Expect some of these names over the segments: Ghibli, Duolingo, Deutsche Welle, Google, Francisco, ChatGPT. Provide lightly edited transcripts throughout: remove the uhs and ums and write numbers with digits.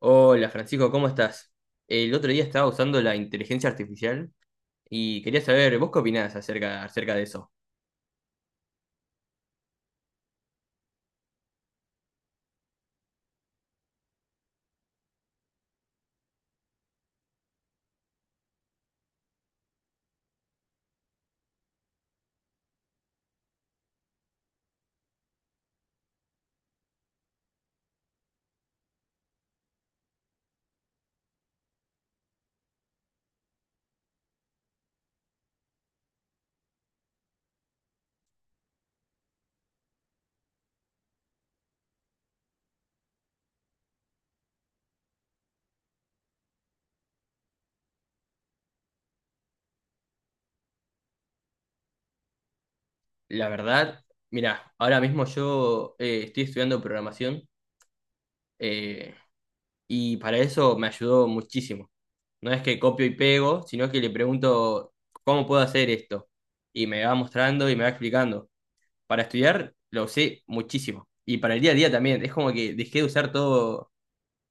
Hola Francisco, ¿cómo estás? El otro día estaba usando la inteligencia artificial y quería saber, ¿vos qué opinás acerca de eso? La verdad, mirá, ahora mismo yo estoy estudiando programación eh, y para eso me ayudó muchísimo. No es que copio y pego, sino que le pregunto, ¿cómo puedo hacer esto? Y me va mostrando y me va explicando. Para estudiar lo usé muchísimo. Y para el día a día también, es como que dejé de usar todo,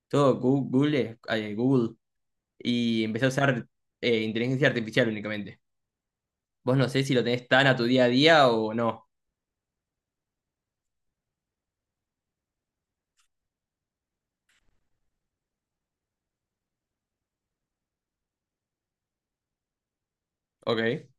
todo Google, Google. Y empecé a usar inteligencia artificial únicamente. Vos no sé si lo tenés tan a tu día a día o no. Ok.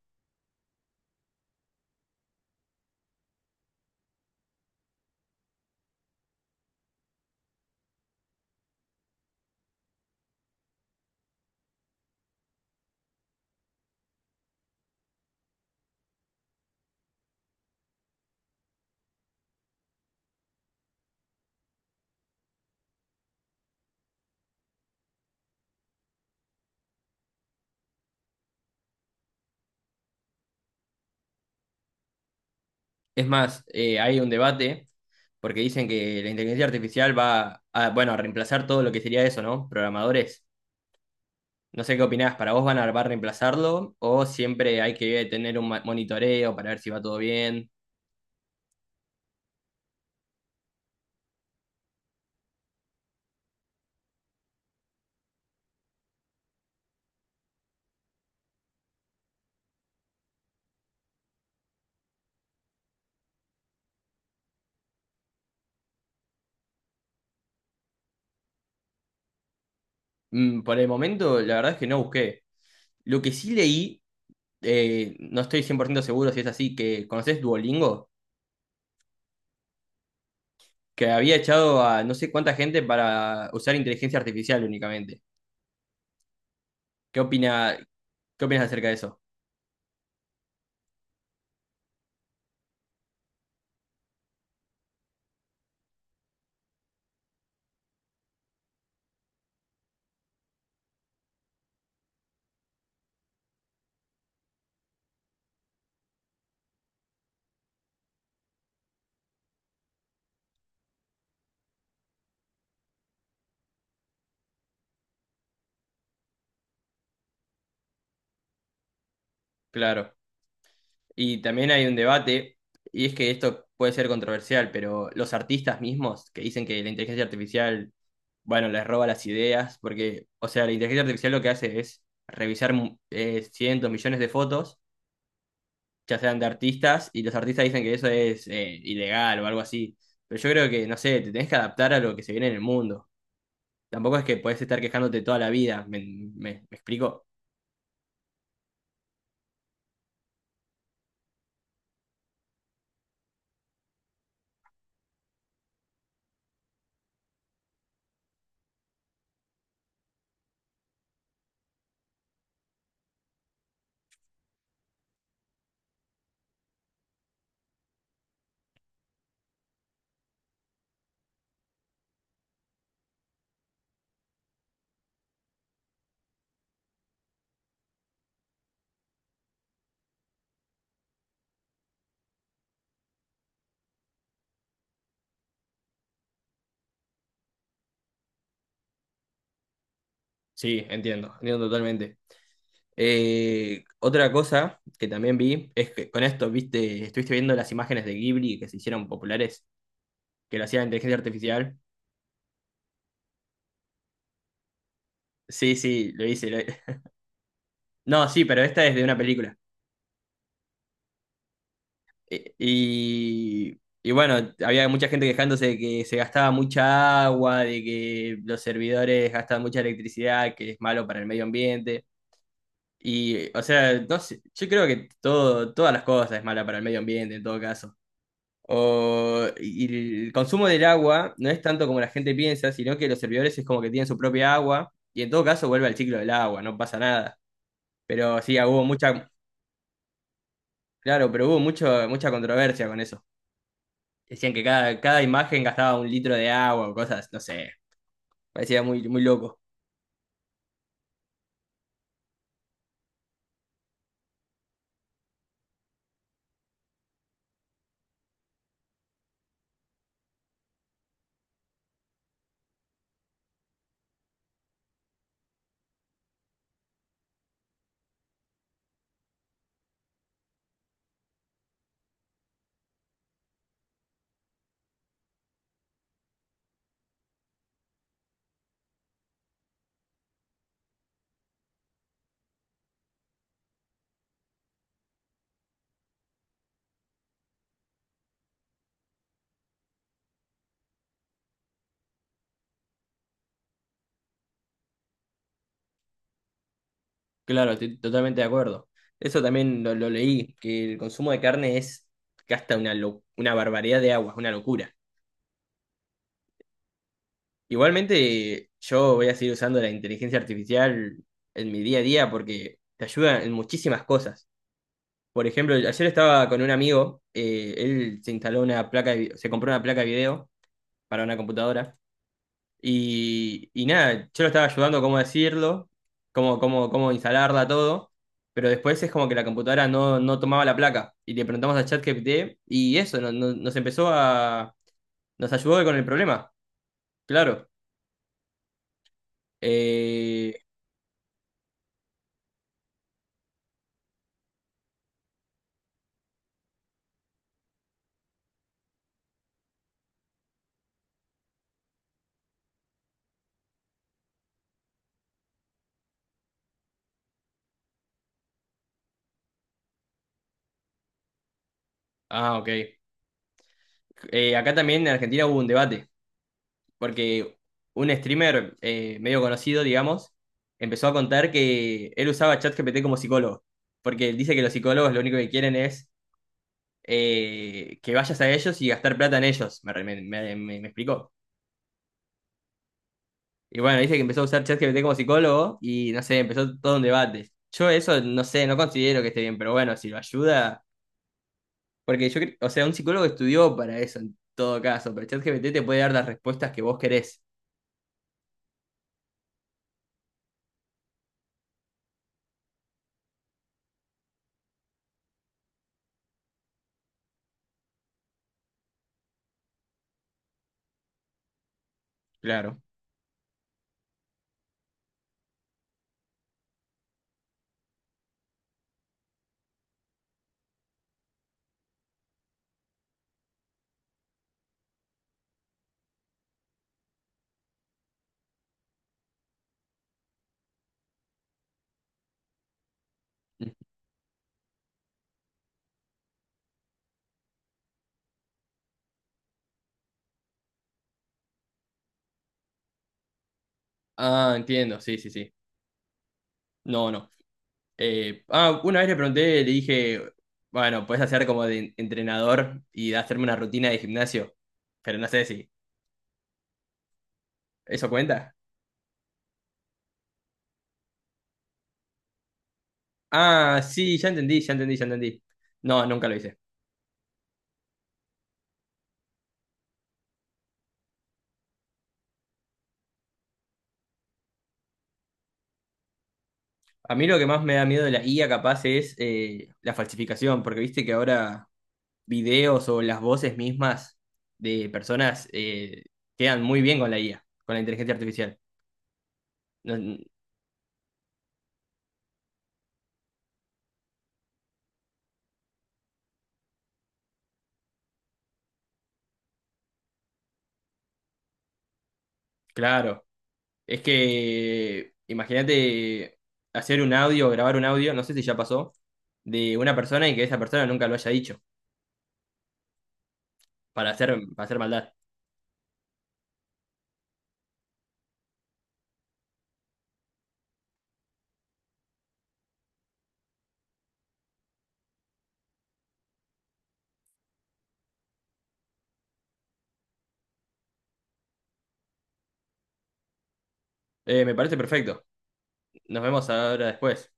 Es más, hay un debate porque dicen que la inteligencia artificial bueno, a reemplazar todo lo que sería eso, ¿no? Programadores. No sé qué opinás, ¿para vos va a reemplazarlo o siempre hay que tener un monitoreo para ver si va todo bien? Mm, por el momento, la verdad es que no busqué. Lo que sí leí, no estoy 100% seguro si es así, que ¿conocés Duolingo? Que había echado a no sé cuánta gente para usar inteligencia artificial únicamente. ¿Qué opina, ¿qué opinas acerca de eso? Claro. Y también hay un debate, y es que esto puede ser controversial, pero los artistas mismos que dicen que la inteligencia artificial, bueno, les roba las ideas, porque, o sea, la inteligencia artificial lo que hace es revisar cientos, millones de fotos, ya sean de artistas, y los artistas dicen que eso es ilegal o algo así. Pero yo creo que, no sé, te tenés que adaptar a lo que se viene en el mundo. Tampoco es que puedes estar quejándote toda la vida, ¿ me explico? Sí, entiendo, entiendo totalmente. Otra cosa que también vi es que con esto, viste, estuviste viendo las imágenes de Ghibli que se hicieron populares, que lo hacía la inteligencia artificial. Sí, sí, lo hice. No, sí, pero esta es de una película. Y, y bueno, había mucha gente quejándose de que se gastaba mucha agua, de que los servidores gastan mucha electricidad, que es malo para el medio ambiente. Y, o sea, no sé, yo creo que todo, todas las cosas es mala para el medio ambiente en todo caso. O, y el consumo del agua no es tanto como la gente piensa, sino que los servidores es como que tienen su propia agua y en todo caso vuelve al ciclo del agua, no pasa nada. Pero sí, hubo mucha, claro, pero hubo mucho, mucha controversia con eso. Decían que cada imagen gastaba un litro de agua o cosas, no sé, parecía muy, muy loco. Claro, estoy totalmente de acuerdo. Eso también lo leí, que el consumo de carne es gasta una, una barbaridad de agua, una locura. Igualmente, yo voy a seguir usando la inteligencia artificial en mi día a día porque te ayuda en muchísimas cosas. Por ejemplo, ayer estaba con un amigo, él se instaló una placa de se compró una placa de video para una computadora. Y nada, yo lo estaba ayudando cómo decirlo, cómo instalarla, todo. Pero después es como que la computadora no, no tomaba la placa. Y le preguntamos a ChatGPT y eso, nos empezó a... Nos ayudó con el problema, claro. Eh, ok. Acá también en Argentina hubo un debate, porque un streamer medio conocido, digamos, empezó a contar que él usaba ChatGPT como psicólogo, porque él dice que los psicólogos lo único que quieren es que vayas a ellos y gastar plata en ellos, me explicó. Y bueno, dice que empezó a usar ChatGPT como psicólogo y no sé, empezó todo un debate. Yo eso no sé, no considero que esté bien, pero bueno, si lo ayuda, porque yo creo, o sea, un psicólogo estudió para eso en todo caso, pero ChatGPT te puede dar las respuestas que vos querés. Claro. Ah, entiendo, sí, sí, sí. No, no. Una vez le pregunté, le dije, bueno, puedes hacer como de entrenador y hacerme una rutina de gimnasio, pero no sé si eso cuenta. Ah, sí, ya entendí, ya entendí, ya entendí. No, nunca lo hice. A mí lo que más me da miedo de la IA capaz es la falsificación, porque viste que ahora videos o las voces mismas de personas quedan muy bien con la IA, con la inteligencia artificial. No- n- claro, es que imagínate hacer un audio, grabar un audio, no sé si ya pasó, de una persona y que esa persona nunca lo haya dicho, para hacer maldad. Me parece perfecto. Nos vemos ahora después.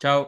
Chao.